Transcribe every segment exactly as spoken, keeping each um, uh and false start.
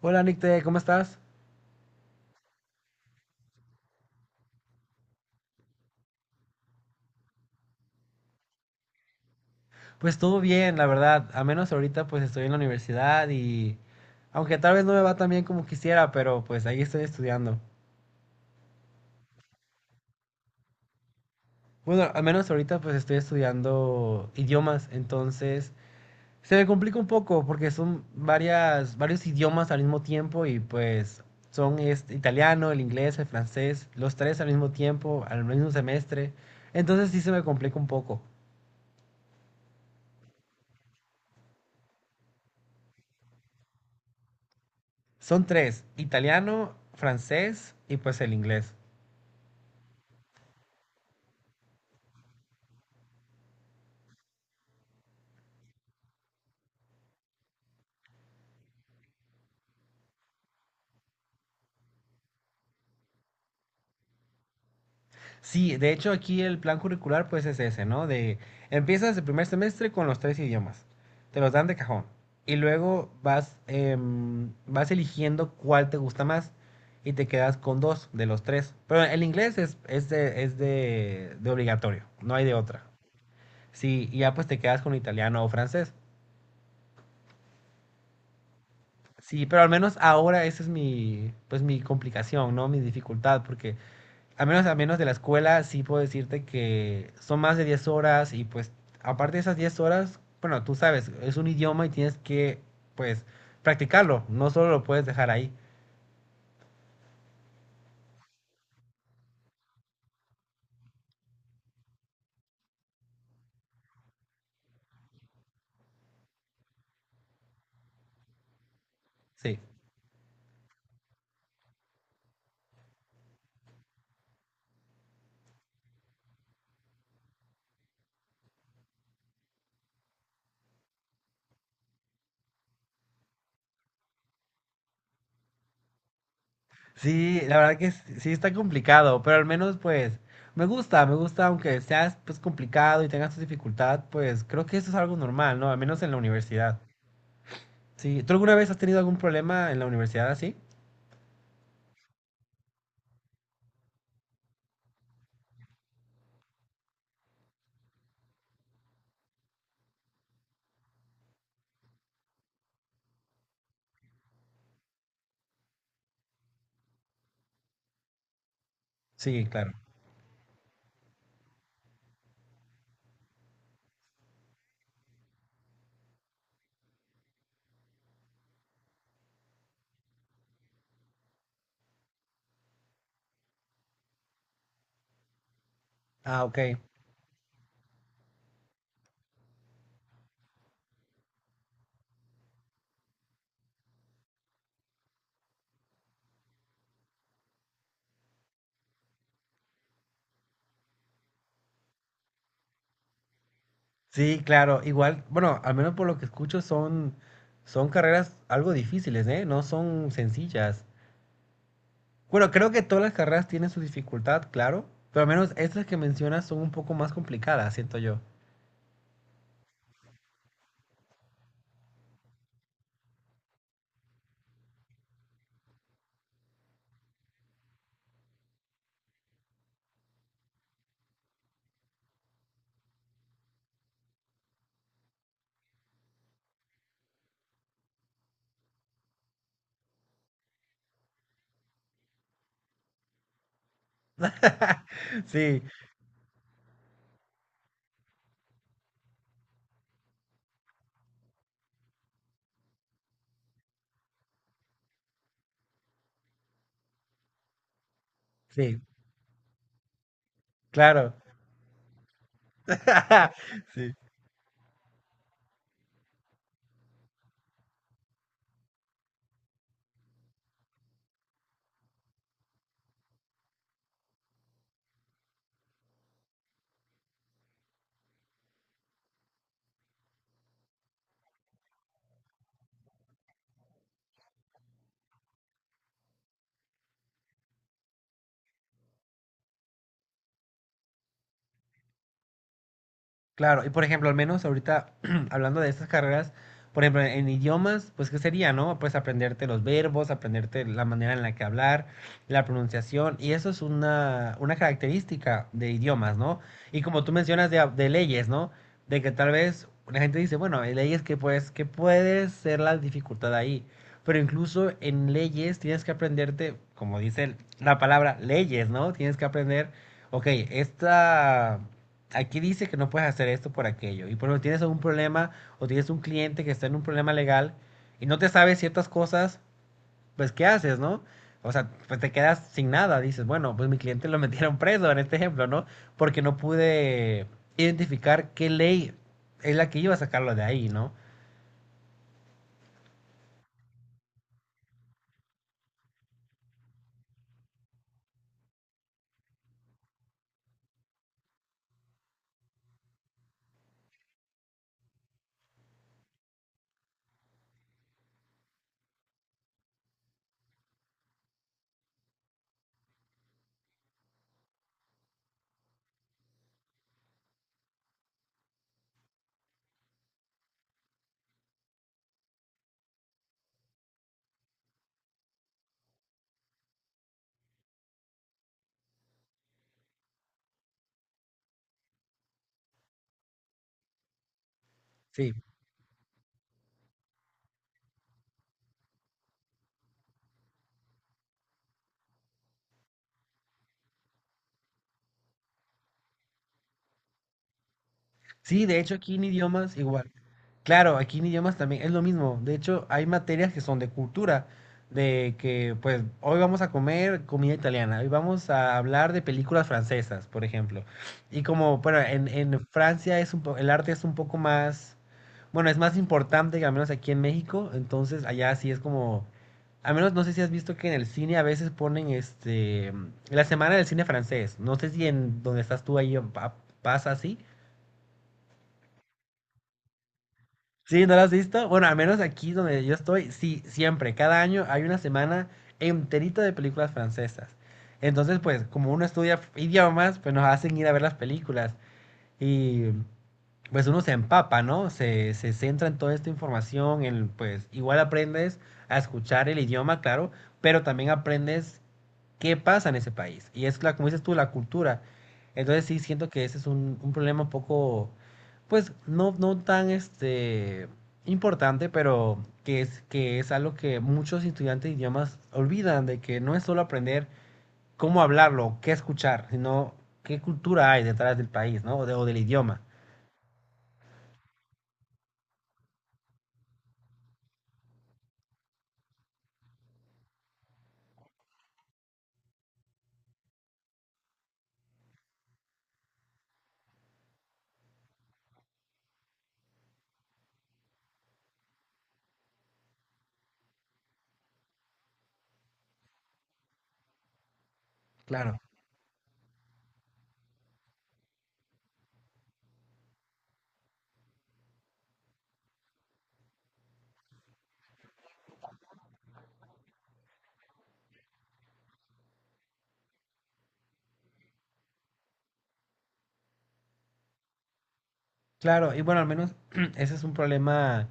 Hola Nicte, ¿cómo estás? Pues todo bien, la verdad. A menos ahorita pues estoy en la universidad y aunque tal vez no me va tan bien como quisiera, pero pues ahí estoy estudiando. Bueno, al menos ahorita pues estoy estudiando idiomas, entonces se me complica un poco porque son varias varios idiomas al mismo tiempo y pues son este, italiano, el inglés, el francés, los tres al mismo tiempo, al mismo semestre. Entonces sí se me complica un poco. Son tres, italiano, francés y pues el inglés. Sí, de hecho aquí el plan curricular pues es ese, ¿no? De empiezas el primer semestre con los tres idiomas, te los dan de cajón y luego vas, em, vas eligiendo cuál te gusta más y te quedas con dos de los tres. Pero el inglés es, es, de, es de, de obligatorio, no hay de otra. Sí, y ya pues te quedas con italiano o francés. Sí, pero al menos ahora esa es mi, pues mi complicación, ¿no? Mi dificultad, porque Al menos, al menos de la escuela, sí puedo decirte que son más de diez horas y pues aparte de esas diez horas, bueno, tú sabes, es un idioma y tienes que pues practicarlo, no solo lo puedes dejar ahí. Sí. Sí, la verdad que s- sí está complicado, pero al menos pues me gusta, me gusta aunque seas pues complicado y tengas tu dificultad, pues creo que eso es algo normal, ¿no? Al menos en la universidad. Sí, ¿tú alguna vez has tenido algún problema en la universidad así? Sí, claro. Ah, ok. Sí, claro, igual, bueno, al menos por lo que escucho son, son carreras algo difíciles, ¿eh? No son sencillas. Bueno, creo que todas las carreras tienen su dificultad, claro, pero al menos estas que mencionas son un poco más complicadas, siento yo. Sí, sí, claro. Sí. Claro, y por ejemplo, al menos ahorita hablando de estas carreras, por ejemplo, en idiomas, pues ¿qué sería, no? Pues aprenderte los verbos, aprenderte la manera en la que hablar, la pronunciación, y eso es una, una característica de idiomas, ¿no? Y como tú mencionas de, de leyes, ¿no? De que tal vez la gente dice, bueno, hay leyes que pues, que puede ser la dificultad ahí, pero incluso en leyes tienes que aprenderte, como dice el- la palabra, leyes, ¿no? Tienes que aprender, ok, esta aquí dice que no puedes hacer esto por aquello. Y por ejemplo, tienes algún problema o tienes un cliente que está en un problema legal y no te sabe ciertas cosas, pues ¿qué haces, no? O sea, pues te quedas sin nada. Dices, bueno, pues mi cliente lo metieron preso en este ejemplo, ¿no? Porque no pude identificar qué ley es la que iba a sacarlo de ahí, ¿no? Sí, Sí, de hecho aquí en idiomas igual. Claro, aquí en idiomas también es lo mismo. De hecho, hay materias que son de cultura, de que pues hoy vamos a comer comida italiana, hoy vamos a hablar de películas francesas, por ejemplo. Y como, bueno, en, en Francia es un po- el arte es un poco más, bueno, es más importante que al menos aquí en México, entonces allá sí es como, al menos no sé si has visto que en el cine a veces ponen este, la semana del cine francés. No sé si en donde estás tú ahí pa- pasa así. Sí, ¿no lo has visto? Bueno, al menos aquí donde yo estoy, sí, siempre, cada año hay una semana enterita de películas francesas. Entonces, pues, como uno estudia idiomas, pues nos hacen ir a ver las películas. Y pues uno se empapa, ¿no? Se, se centra en toda esta información, en, pues igual aprendes a escuchar el idioma, claro, pero también aprendes qué pasa en ese país. Y es, la, como dices tú, la cultura. Entonces sí siento que ese es un, un problema un poco, pues no, no tan este, importante, pero que es, que es algo que muchos estudiantes de idiomas olvidan, de que no es solo aprender cómo hablarlo, qué escuchar, sino qué cultura hay detrás del país, ¿no? O, de- o del idioma. Claro. Claro, y bueno, al menos ese es un problema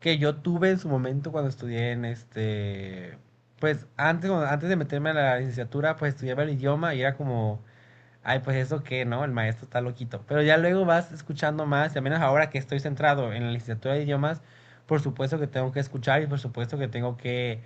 que yo tuve en su momento cuando estudié en este, pues antes, cuando- antes de meterme a la licenciatura, pues estudiaba el idioma y era como, ay, pues eso qué, ¿no? El maestro está loquito. Pero ya luego vas escuchando más, y al menos ahora que estoy centrado en la licenciatura de idiomas, por supuesto que tengo que escuchar y por supuesto que tengo que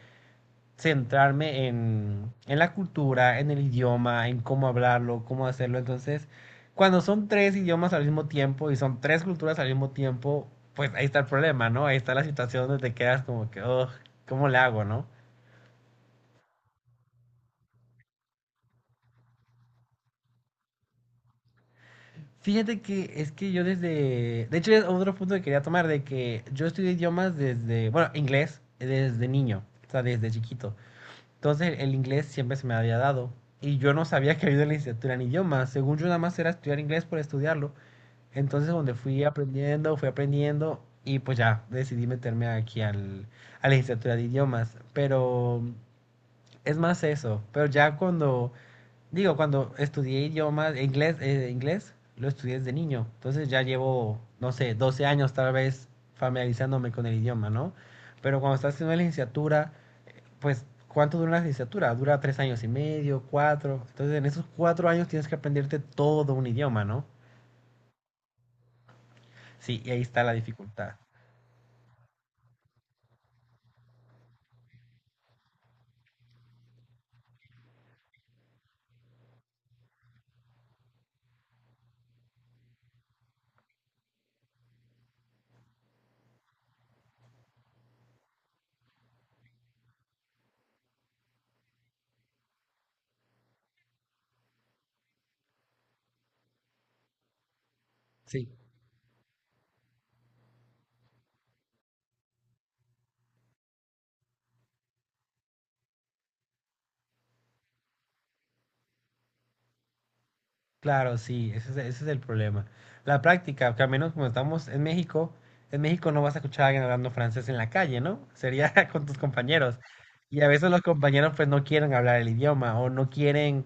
centrarme en, en la cultura, en el idioma, en cómo hablarlo, cómo hacerlo. Entonces, cuando son tres idiomas al mismo tiempo y son tres culturas al mismo tiempo, pues ahí está el problema, ¿no? Ahí está la situación donde te quedas como que, "Ugh, ¿cómo le hago, no? Fíjate que es que yo desde, de hecho es otro punto que quería tomar, de que yo estudié idiomas desde, bueno, inglés desde niño, o sea, desde chiquito. Entonces el inglés siempre se me había dado y yo no sabía que había una licenciatura en idiomas. Según yo nada más era estudiar inglés por estudiarlo. Entonces, donde fui aprendiendo, fui aprendiendo y pues ya decidí meterme aquí al, a la licenciatura de idiomas. Pero es más eso. Pero ya cuando, digo, cuando estudié idiomas, inglés, eh, inglés, lo estudié desde niño. Entonces ya llevo, no sé, doce años tal vez familiarizándome con el idioma, ¿no? Pero cuando estás haciendo la licenciatura, pues, ¿cuánto dura una licenciatura? Dura tres años y medio, cuatro. Entonces, en esos cuatro años tienes que aprenderte todo un idioma, ¿no? Sí, y ahí está la dificultad. Sí, claro, sí, ese es, ese es el problema. La práctica, que al menos como estamos en México, en México no vas a escuchar a alguien hablando francés en la calle, ¿no? Sería con tus compañeros. Y a veces los compañeros pues no quieren hablar el idioma o no quieren,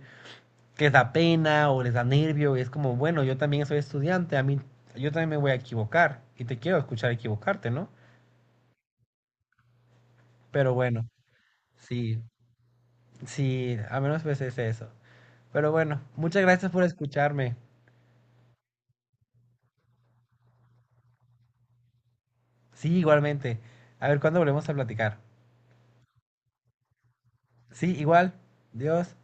que les da pena o les da nervio y es como, bueno, yo también soy estudiante, a mí yo también me voy a equivocar y te quiero escuchar equivocarte, ¿no? Pero bueno, sí, sí, al menos pues es eso. Pero bueno, muchas gracias por escucharme. Sí, igualmente. A ver, ¿cuándo volvemos a platicar? Sí, igual. Dios.